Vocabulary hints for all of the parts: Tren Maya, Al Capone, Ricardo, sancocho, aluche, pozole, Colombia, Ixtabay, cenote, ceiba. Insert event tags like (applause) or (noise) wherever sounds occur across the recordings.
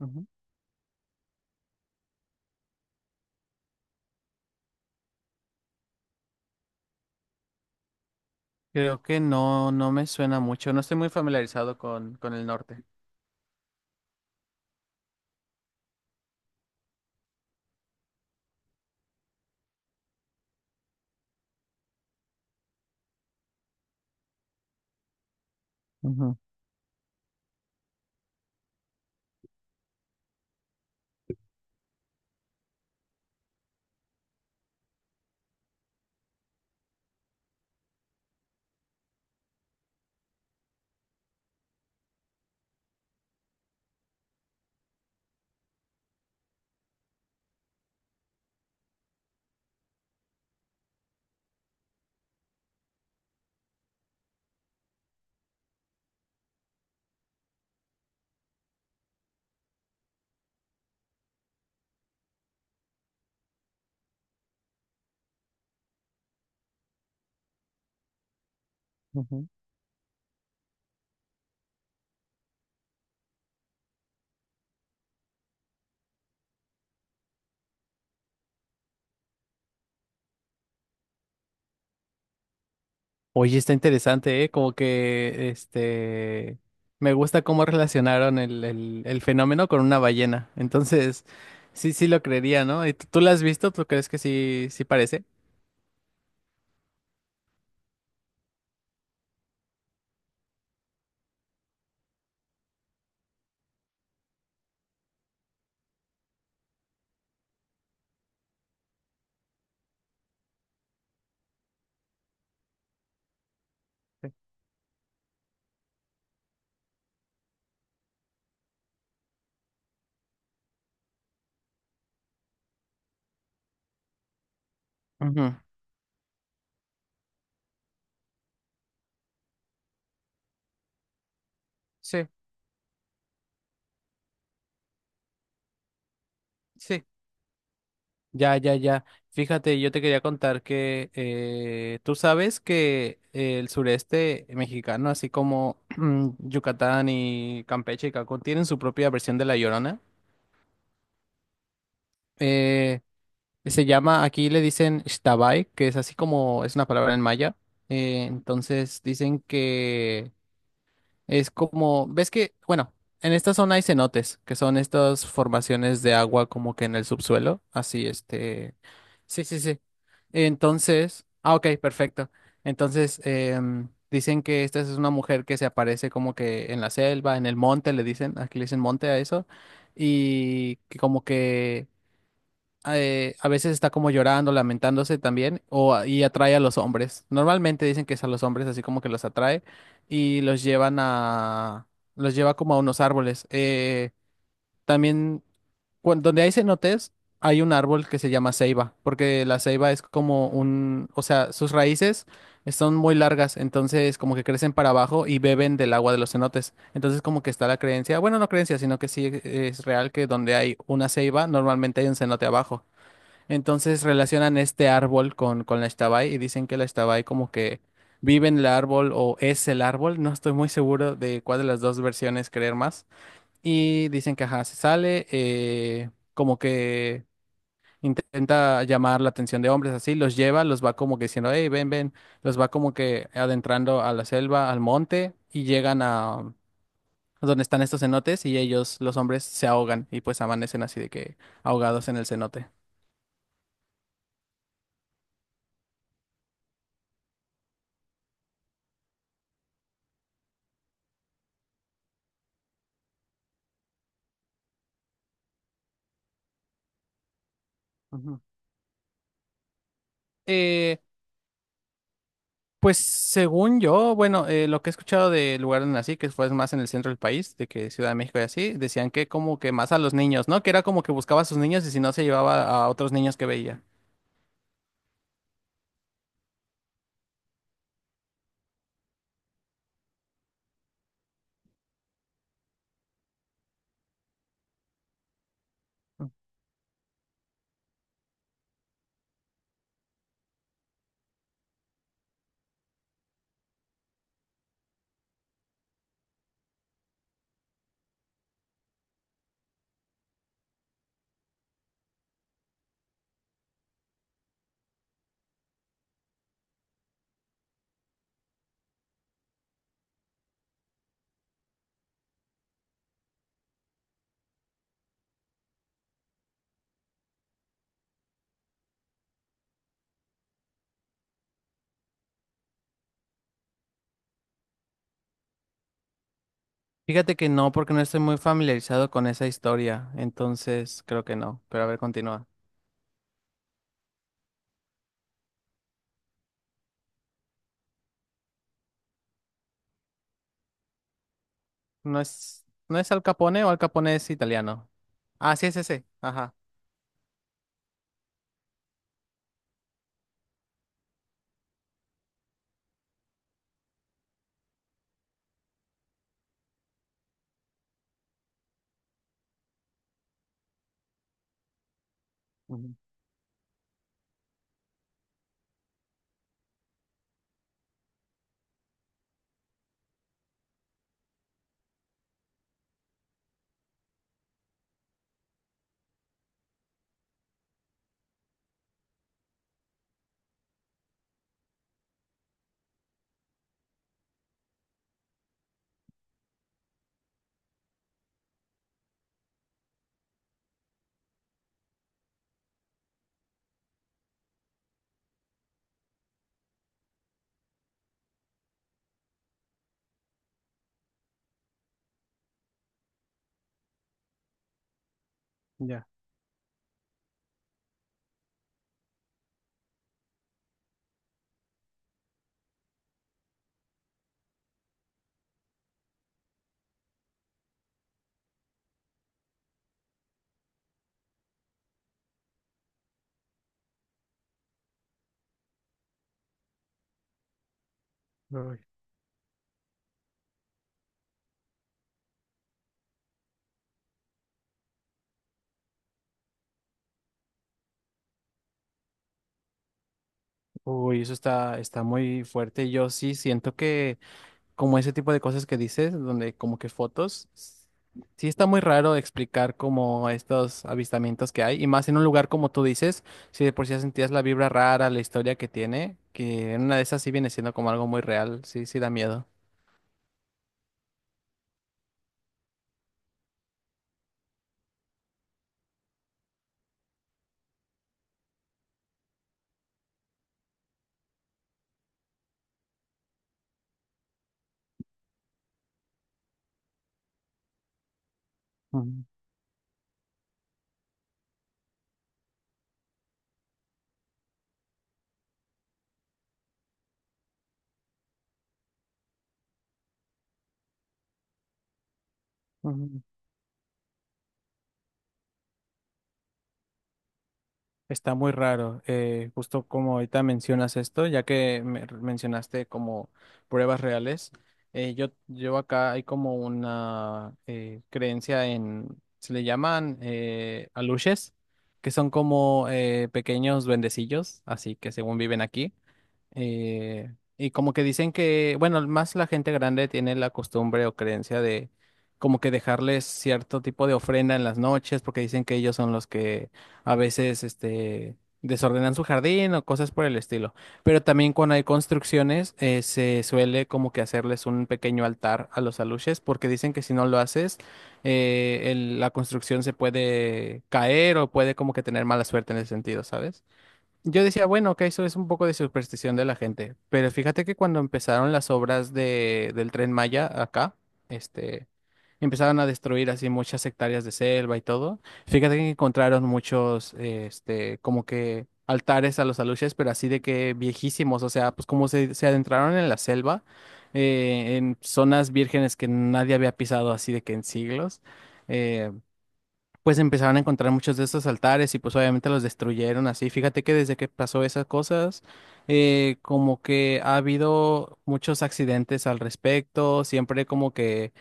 Ujú. Creo que no, no me suena mucho. No estoy muy familiarizado con el norte. Ujú, ujú. Oye, está interesante, ¿eh? Como que, este, me gusta cómo relacionaron el fenómeno con una ballena. Entonces, sí, sí lo creería, ¿no? ¿Y tú la has visto? ¿Tú crees que sí, sí parece? Sí. Ujú. Sí, sí. Ya, ya, ya. Fíjate, yo te quería contar que tú sabes que el sureste mexicano, así como (clears throat) Yucatán y Campeche y Cancún, tienen su propia versión de La Llorona. Eh, Se llama, aquí le dicen Xtabay, que es así como, es una palabra en maya. Entonces dicen que es como, ves que, bueno, en esta zona hay cenotes, que son estas formaciones de agua como que en el subsuelo, así este, sí, sí, sí. Entonces, ah, ok, perfecto. Entonces, dicen que esta es una mujer que se aparece como que en la selva, en el monte, le dicen, aquí le dicen monte a eso, y que como que a veces está como llorando, lamentándose también, o, y atrae a los hombres. Normalmente dicen que es a los hombres, así como que los atrae y los llevan a, los lleva como a unos árboles. También, donde hay cenotes, hay un árbol que se llama ceiba, porque la ceiba es como un, o sea, sus raíces son muy largas, entonces como que crecen para abajo y beben del agua de los cenotes. Entonces como que está la creencia, bueno, no creencia, sino que sí es real que donde hay una ceiba, normalmente hay un cenote abajo. Entonces relacionan este árbol con la Ixtabay y dicen que la Ixtabay como que vive en el árbol o es el árbol. No estoy muy seguro de cuál de las dos versiones creer más. Y dicen que ajá, se sale, como que intenta llamar la atención de hombres así, los lleva, los va como que diciendo, hey, ven, los va como que adentrando a la selva, al monte y llegan a donde están estos cenotes y ellos, los hombres, se ahogan y pues amanecen así de que ahogados en el cenote. Ujú. Eh, Pues según yo, bueno, lo que he escuchado del lugar donde nací, que fue más en el centro del país, de que Ciudad de México y así, decían que como que más a los niños, ¿no? Que era como que buscaba a sus niños y si no se llevaba a otros niños que veía. Fíjate que no, porque no estoy muy familiarizado con esa historia, entonces creo que no, pero a ver, continúa. ¿No es, no es Al Capone o Al Capone es italiano? Ah, sí es ese, ajá. Ujú. Ya. Uy. Uy, eso está, está muy fuerte. Yo sí siento que como ese tipo de cosas que dices, donde como que fotos, sí está muy raro explicar como estos avistamientos que hay, y más en un lugar como tú dices, si de por sí ya sentías la vibra rara, la historia que tiene, que en una de esas sí viene siendo como algo muy real, sí, sí da miedo. Ujú, ujú. Está muy raro, justo como ahorita mencionas esto, ya que mencionaste como pruebas reales, yo acá hay como una creencia en, se le llaman aluches, que son como pequeños duendecillos, así que según viven aquí. Eh, y como que dicen que, bueno, más la gente grande tiene la costumbre o creencia de como que dejarles cierto tipo de ofrenda en las noches, porque dicen que ellos son los que a veces, este, desordenan su jardín o cosas por el estilo. Pero también cuando hay construcciones, se suele como que hacerles un pequeño altar a los aluches, porque dicen que si no lo haces, la construcción se puede caer o puede como que tener mala suerte en ese sentido, ¿sabes? Yo decía, bueno, que eso es un poco de superstición de la gente, pero fíjate que cuando empezaron las obras de, del Tren Maya acá, este, empezaron a destruir así muchas hectáreas de selva y todo. Fíjate que encontraron muchos, este, como que altares a los aluches, pero así de que viejísimos, o sea, pues como se adentraron en la selva, en zonas vírgenes que nadie había pisado así de que en siglos. eh, pues empezaron a encontrar muchos de estos altares y pues obviamente los destruyeron así. Fíjate que desde que pasó esas cosas, como que ha habido muchos accidentes al respecto, siempre como que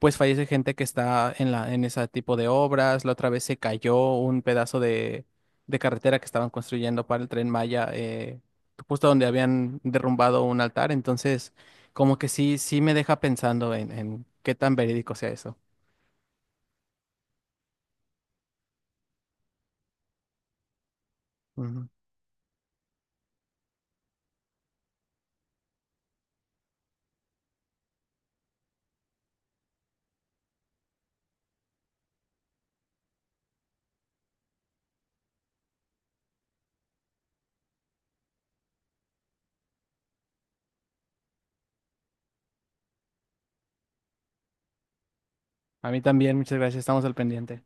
pues fallece gente que está en la, en ese tipo de obras. La otra vez se cayó un pedazo de carretera que estaban construyendo para el Tren Maya, justo donde habían derrumbado un altar. Entonces, como que sí, sí me deja pensando en qué tan verídico sea eso. Ujú. A mí también, muchas gracias, estamos al pendiente.